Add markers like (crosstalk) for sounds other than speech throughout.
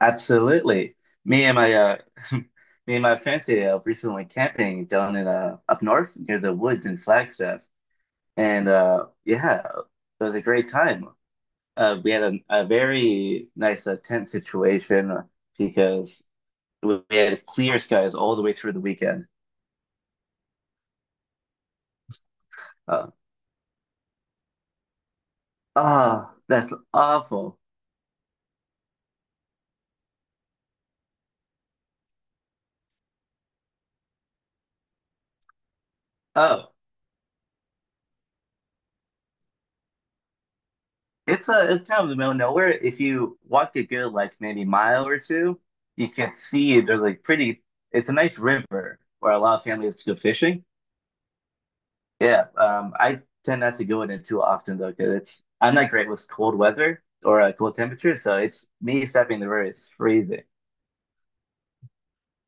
Absolutely. Me and my (laughs) me and my fiance recently went camping down in up north near the woods in Flagstaff, and yeah, it was a great time. We had a very nice tent situation because we had clear skies all the way through the weekend. Uh, oh, that's awful. Oh, it's kind of the middle of nowhere. If you walk a good like maybe mile or two, you can see there's like pretty it's a nice river where a lot of families go fishing. Yeah, I tend not to go in it too often though, because it's I'm not great with cold weather or cold temperatures, so it's me stepping in the river, it's freezing.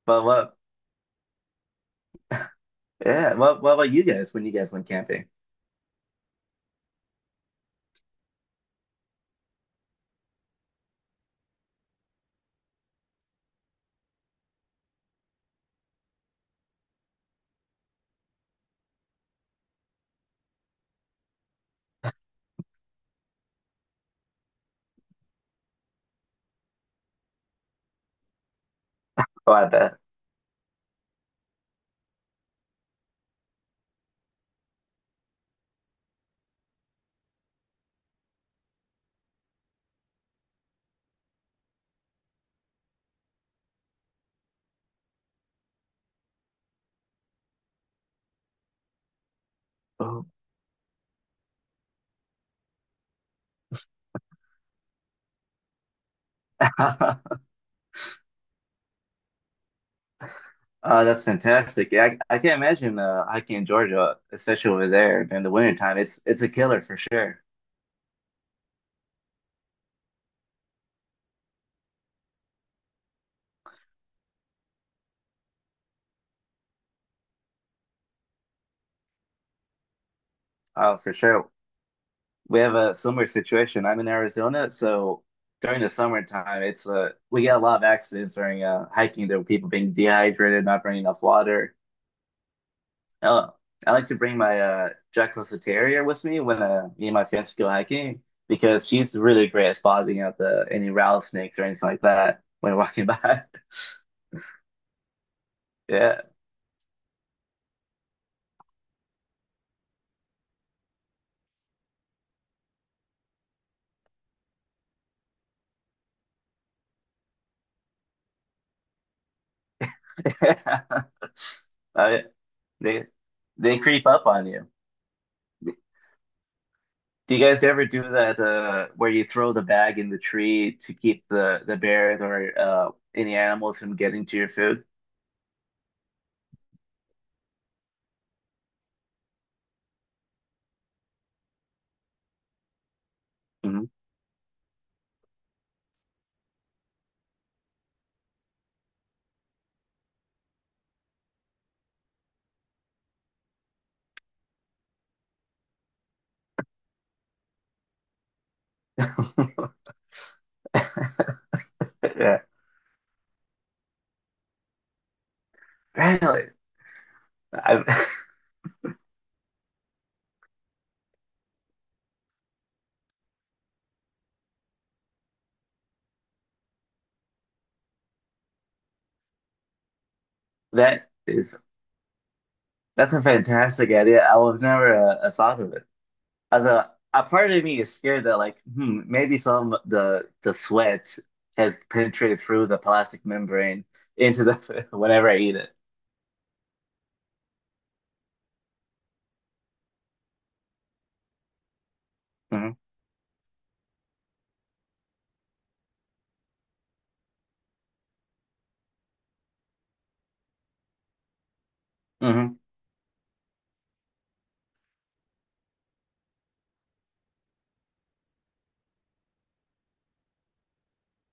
But what yeah, what about you guys when you guys went camping? Oh, I bet. Oh. (laughs) That's fantastic. Yeah, I can't imagine hiking in Georgia, especially over there during the wintertime. It's a killer for sure. Oh, for sure. We have a similar situation. I'm in Arizona, so during the summertime, it's we get a lot of accidents during hiking. There were people being dehydrated, not bringing enough water. Oh, I like to bring my Jack Russell Terrier with me when me and my fiance go hiking because she's really great at spotting out the any rattlesnakes or anything like that when walking by. (laughs) Yeah. (laughs) Uh, they they creep up on you. Do you guys ever do that where you throw the bag in the tree to keep the bears or any animals from getting to your food? Mhm. (laughs) Yeah, really. I, (laughs) that is that's a fantastic idea. I was never thought of it. As a part of me is scared that like hmm, maybe some the sweat has penetrated through the plastic membrane into the (laughs) whenever I eat it. Hmm.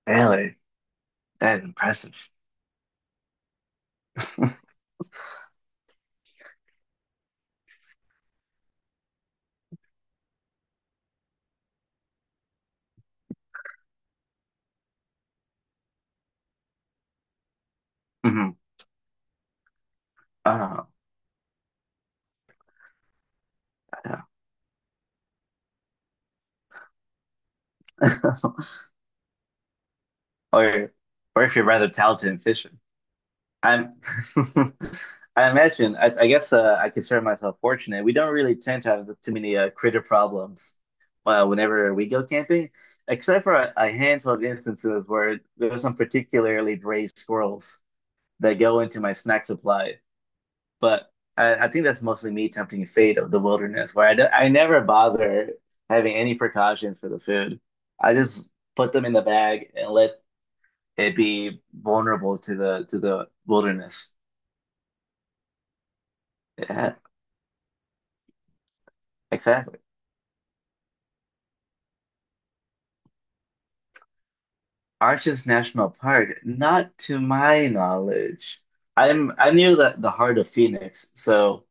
Really? That is impressive. (laughs) Hmm. Oh, yeah. (laughs) Or, or if you're rather talented in fishing. I'm, (laughs) I guess I consider myself fortunate. We don't really tend to have too many critter problems whenever we go camping, except for a handful of instances where there's some particularly brave squirrels that go into my snack supply. But I think that's mostly me tempting fate of the wilderness, where I never bother having any precautions for the food. I just put them in the bag and let it be vulnerable to the wilderness. Yeah, exactly. Arches National Park, not to my knowledge. I'm near the heart of Phoenix, so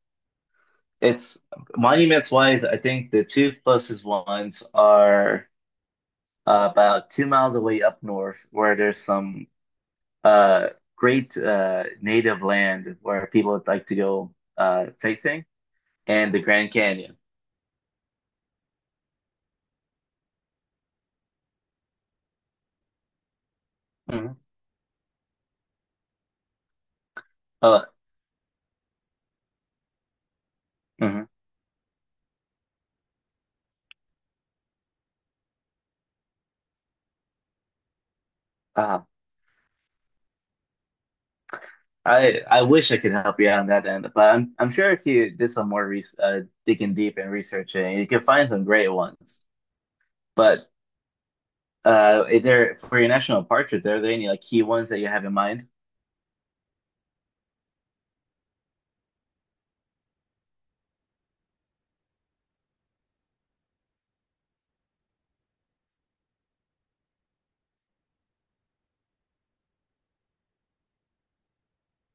it's monuments wise, I think the two closest ones are about 2 miles away up north, where there's some uh, great native land where people would like to go sightseeing and the Grand Canyon. Mhm. Uh, Mhm. uh, I wish I could help you out on that end, but I'm sure if you did some more re digging deep and researching, you could find some great ones. But is there for your national park trip, are there any like key ones that you have in mind?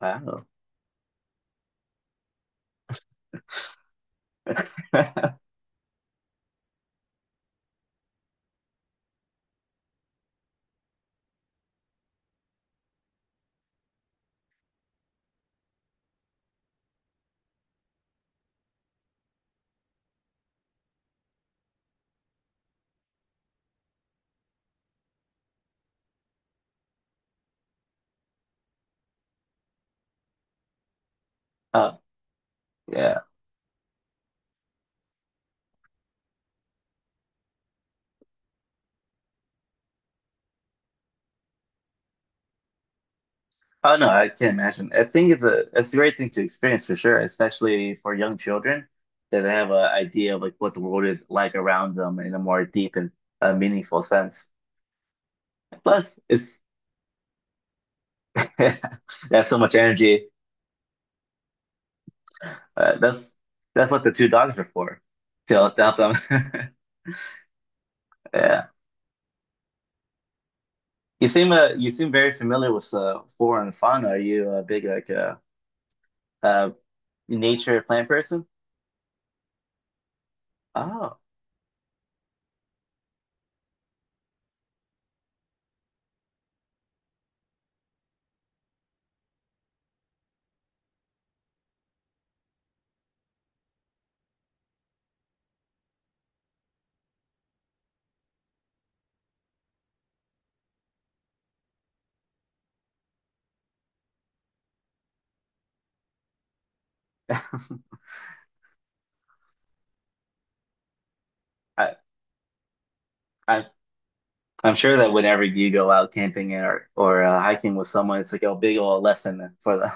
Wow. (laughs) Uh, yeah. Oh no, I can't imagine. I think it's a great thing to experience for sure, especially for young children that they have an idea of like what the world is like around them in a more deep and meaningful sense. Plus, it's (laughs) that's so much energy. Uh, that's that's what the two dogs are for, to help them. (laughs) Yeah, you seem very familiar with flora and fauna. Are you a big uh nature plant person? Oh, (laughs) I, I I'm sure that whenever you go out camping or hiking with someone, it's like a big old lesson for them.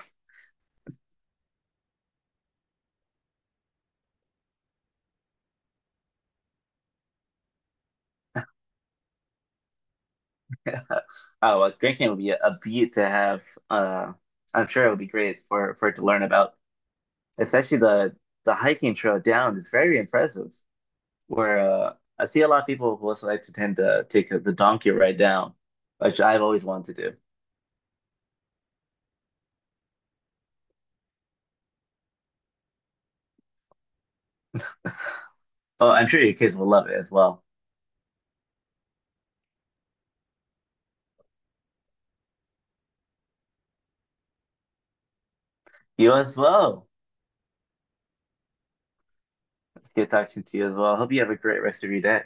(laughs) Oh, well, drinking would be a beat to have. Uh, I'm sure it would be great for it to learn about. Especially the hiking trail down is very impressive. Where I see a lot of people who also like to tend to take the donkey ride down, which I've always wanted to do. Oh, I'm sure your kids will love it as well. You as well. It's good talking to you as well. Hope you have a great rest of your day.